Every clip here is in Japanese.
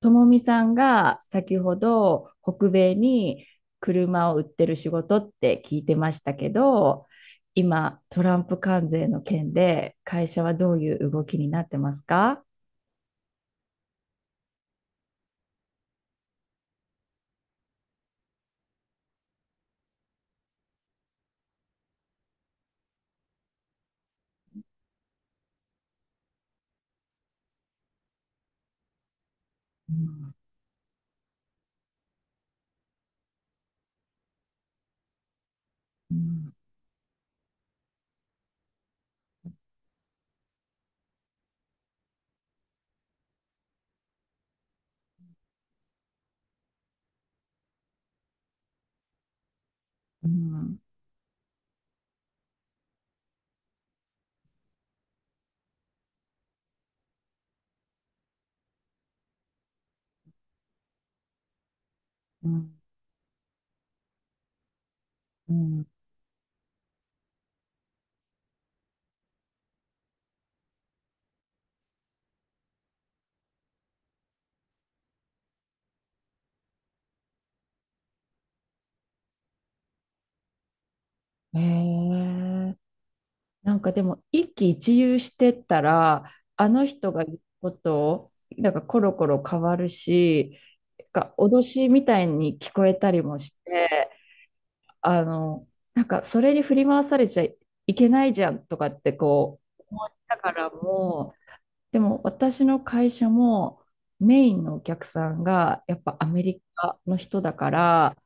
ともみさんが先ほど北米に車を売ってる仕事って聞いてましたけど、今トランプ関税の件で会社はどういう動きになってますか？うん、うん、うん、うん、うん。へえ。なんかでも一喜一憂してったらあの人が言うことなんかコロコロ変わるし、なんか脅しみたいに聞こえたりもして、あの、なんかそれに振り回されちゃいけないじゃんとかってこう思ったからもう、でも私の会社もメインのお客さんがやっぱアメリカの人だから、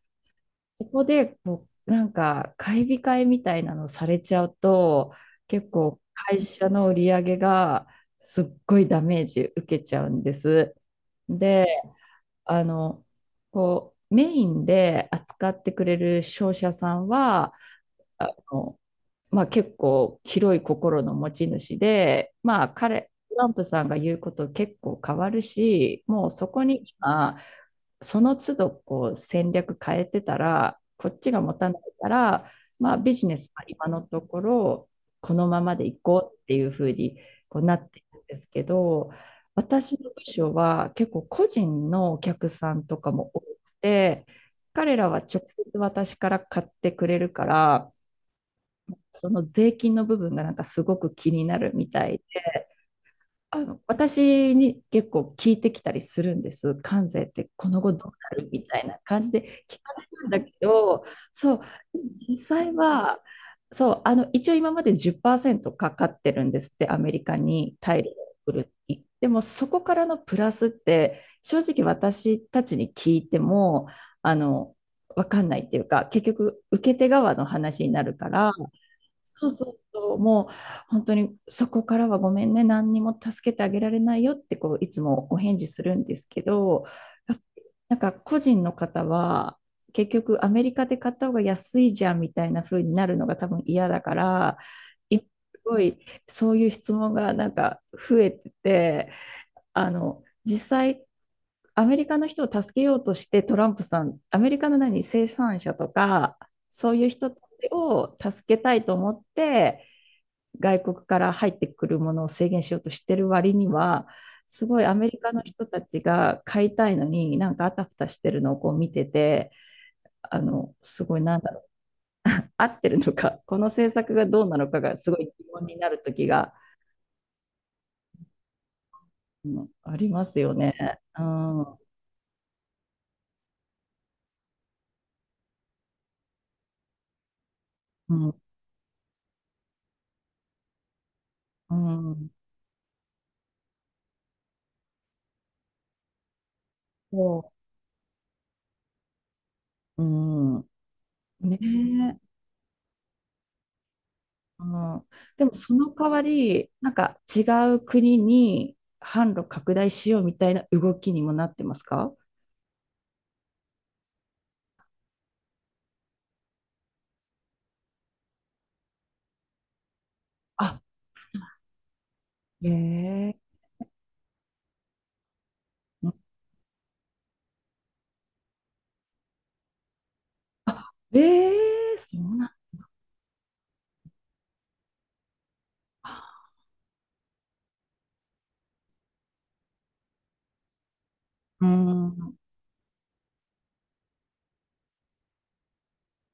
ここでこうなんか買い控えみたいなのされちゃうと、結構会社の売り上げがすっごいダメージ受けちゃうんです。で、あの、こう、メインで扱ってくれる商社さんは、あの、まあ、結構広い心の持ち主で、まあ、彼、トランプさんが言うこと結構変わるし、もうそこに今、その都度こう戦略変えてたら、こっちが持たないから、まあ、ビジネスは今のところ、このままでいこうっていうふうにこうなっているんですけど、私の部署は結構個人のお客さんとかも多くて、彼らは直接私から買ってくれるから、その税金の部分がなんかすごく気になるみたいで、私に結構聞いてきたりするんです。関税ってこの後どうなるみたいな感じで聞かれるんだけど、そう、実際は、そう、一応今まで10%かかってるんですって、アメリカに大量に送るに。でもそこからのプラスって、正直私たちに聞いても、あの、わかんないっていうか、結局受け手側の話になるから、そうそうそう、もう本当にそこからはごめんね、何にも助けてあげられないよってこういつもお返事するんですけど、やっぱなんか個人の方は結局アメリカで買った方が安いじゃんみたいな風になるのが多分嫌だから、今すごいそういう質問がなんか増えてて、実際アメリカの人を助けようとしてトランプさん、アメリカの何、生産者とかそういう人たちを助けたいと思って、外国から入ってくるものを制限しようとしてる割には、すごいアメリカの人たちが買いたいのに、なんかあたふたしてるのをこう見てて、すごいなんだろう、合ってるのか、この政策がどうなのかがすごい疑問になる時が、うん、ありますよね。うん、うん、うん、そう、うん、ねえ、うん。でもその代わり、なんか違う国に販路拡大しようみたいな動きにもなってますか？あ、ええー、あ、ええー、そうなんだ。うーん、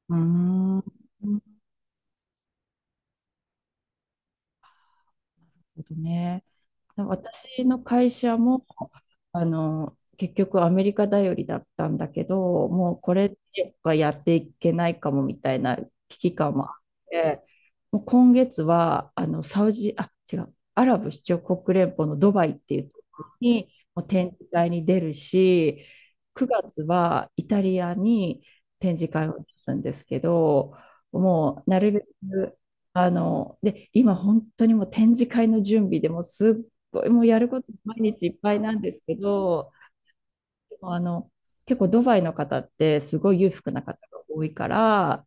うーん、なるほどね。私の会社も、結局アメリカ頼りだったんだけど、もうこれはやっていけないかもみたいな危機感もあって、もう今月は、サウジ、あ、違う、アラブ首長国連邦のドバイっていうところにもう展示会に出るし、9月はイタリアに展示会を出すんですけど、もうなるべく、で、今本当にもう展示会の準備でもうすっごいもうやること毎日いっぱいなんですけど、でも結構ドバイの方ってすごい裕福な方が多いから、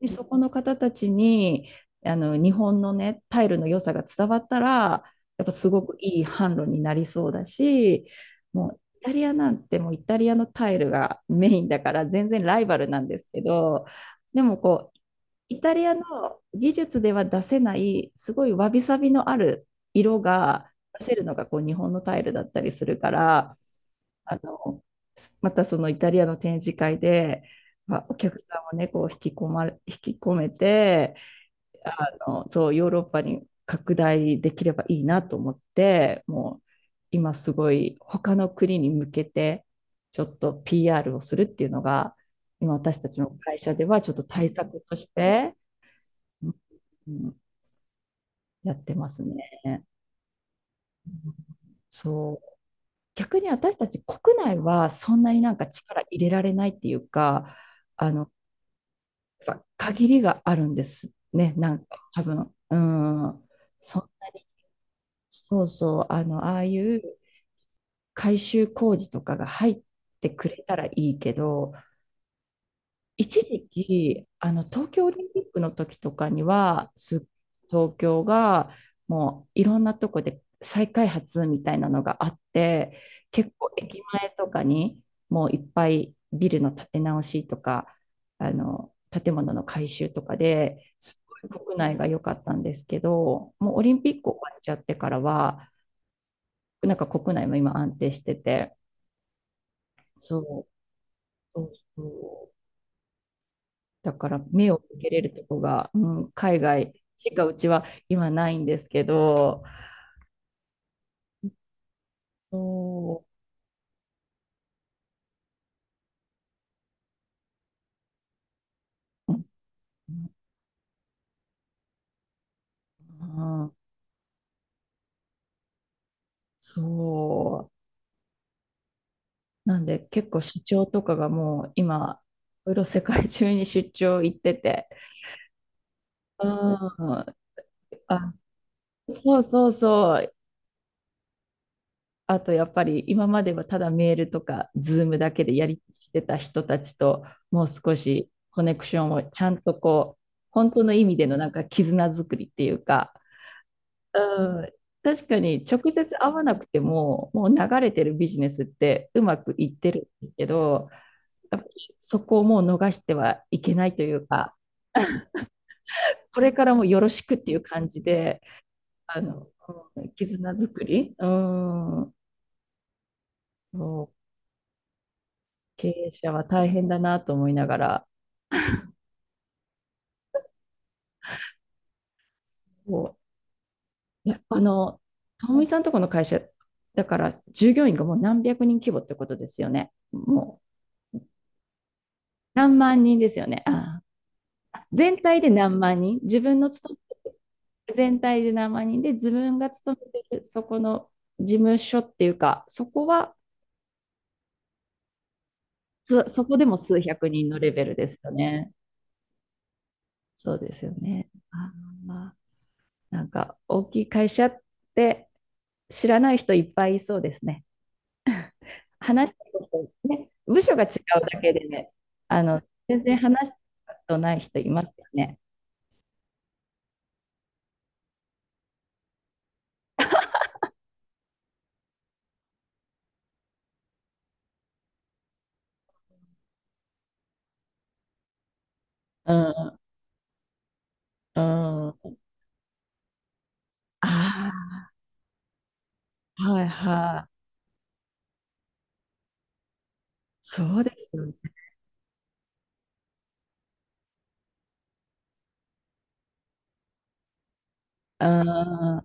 でそこの方たちに日本のね、タイルの良さが伝わったら、やっぱすごくいい販路になりそうだし、もうイタリアなんてもうイタリアのタイルがメインだから全然ライバルなんですけど、でもこうイタリアの技術では出せない、すごいわびさびのある色が出せるのがこう日本のタイルだったりするから、あの、またそのイタリアの展示会で、まあ、お客さんをね、こう引き込めて、あそう、ヨーロッパに拡大できればいいなと思って、もう今すごい他の国に向けて、ちょっと PR をするっていうのが、今私たちの会社ではちょっと対策として、うん、うん、やってますね。そう。逆に私たち国内はそんなになんか力入れられないっていうか、あの、やっぱ限りがあるんですね、なんか多分。うん。そ、そうそう、ああいう改修工事とかが入ってくれたらいいけど、一時期、東京オリンピックの時とかには、東京がもういろんなとこで再開発みたいなのがあって、結構駅前とかにもういっぱいビルの建て直しとか、建物の改修とかですごい国内が良かったんですけど、もうオリンピック終わっちゃってからは、なんか国内も今安定してて、そう、そうそう、だから目を向けれるとこが、うん、海外しかうちは今ないんですけど、そう、うん、うん、そう。なんで結構社長とかがもう今、いろいろ世界中に出張行ってて、うん、あ、そうそうそう。あとやっぱり今まではただメールとかズームだけでやりしてた人たちともう少しコネクションをちゃんとこう本当の意味でのなんか絆作りっていうか、うん、確かに直接会わなくても、もう流れてるビジネスってうまくいってるんですけど、やっぱりそこをもう逃してはいけないというか、これからもよろしくっていう感じで、あの、うん、絆作り、うん、そう、経営者は大変だなと思いながら、こう、やっぱともみさんとこの会社、だから従業員がもう何百人規模ってことですよね。もう何万人ですよね。あー全体で何万人、自分の勤めてる全体で何万人で、自分が勤めてるそこの事務所っていうか、そこは、そこでも数百人のレベルですよね。そうですよね。あー、まあなんか大きい会社って知らない人いっぱいいそうですね。話したこと、ね、部署が違うだけでね、あの、全然話したことない人いますよね。うん、うん。ああ、はいはい。そうですよね。ああ、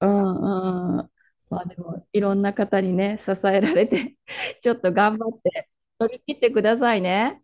うんうん。まあでも、いろんな方にね、支えられて ちょっと頑張って、乗り切ってくださいね。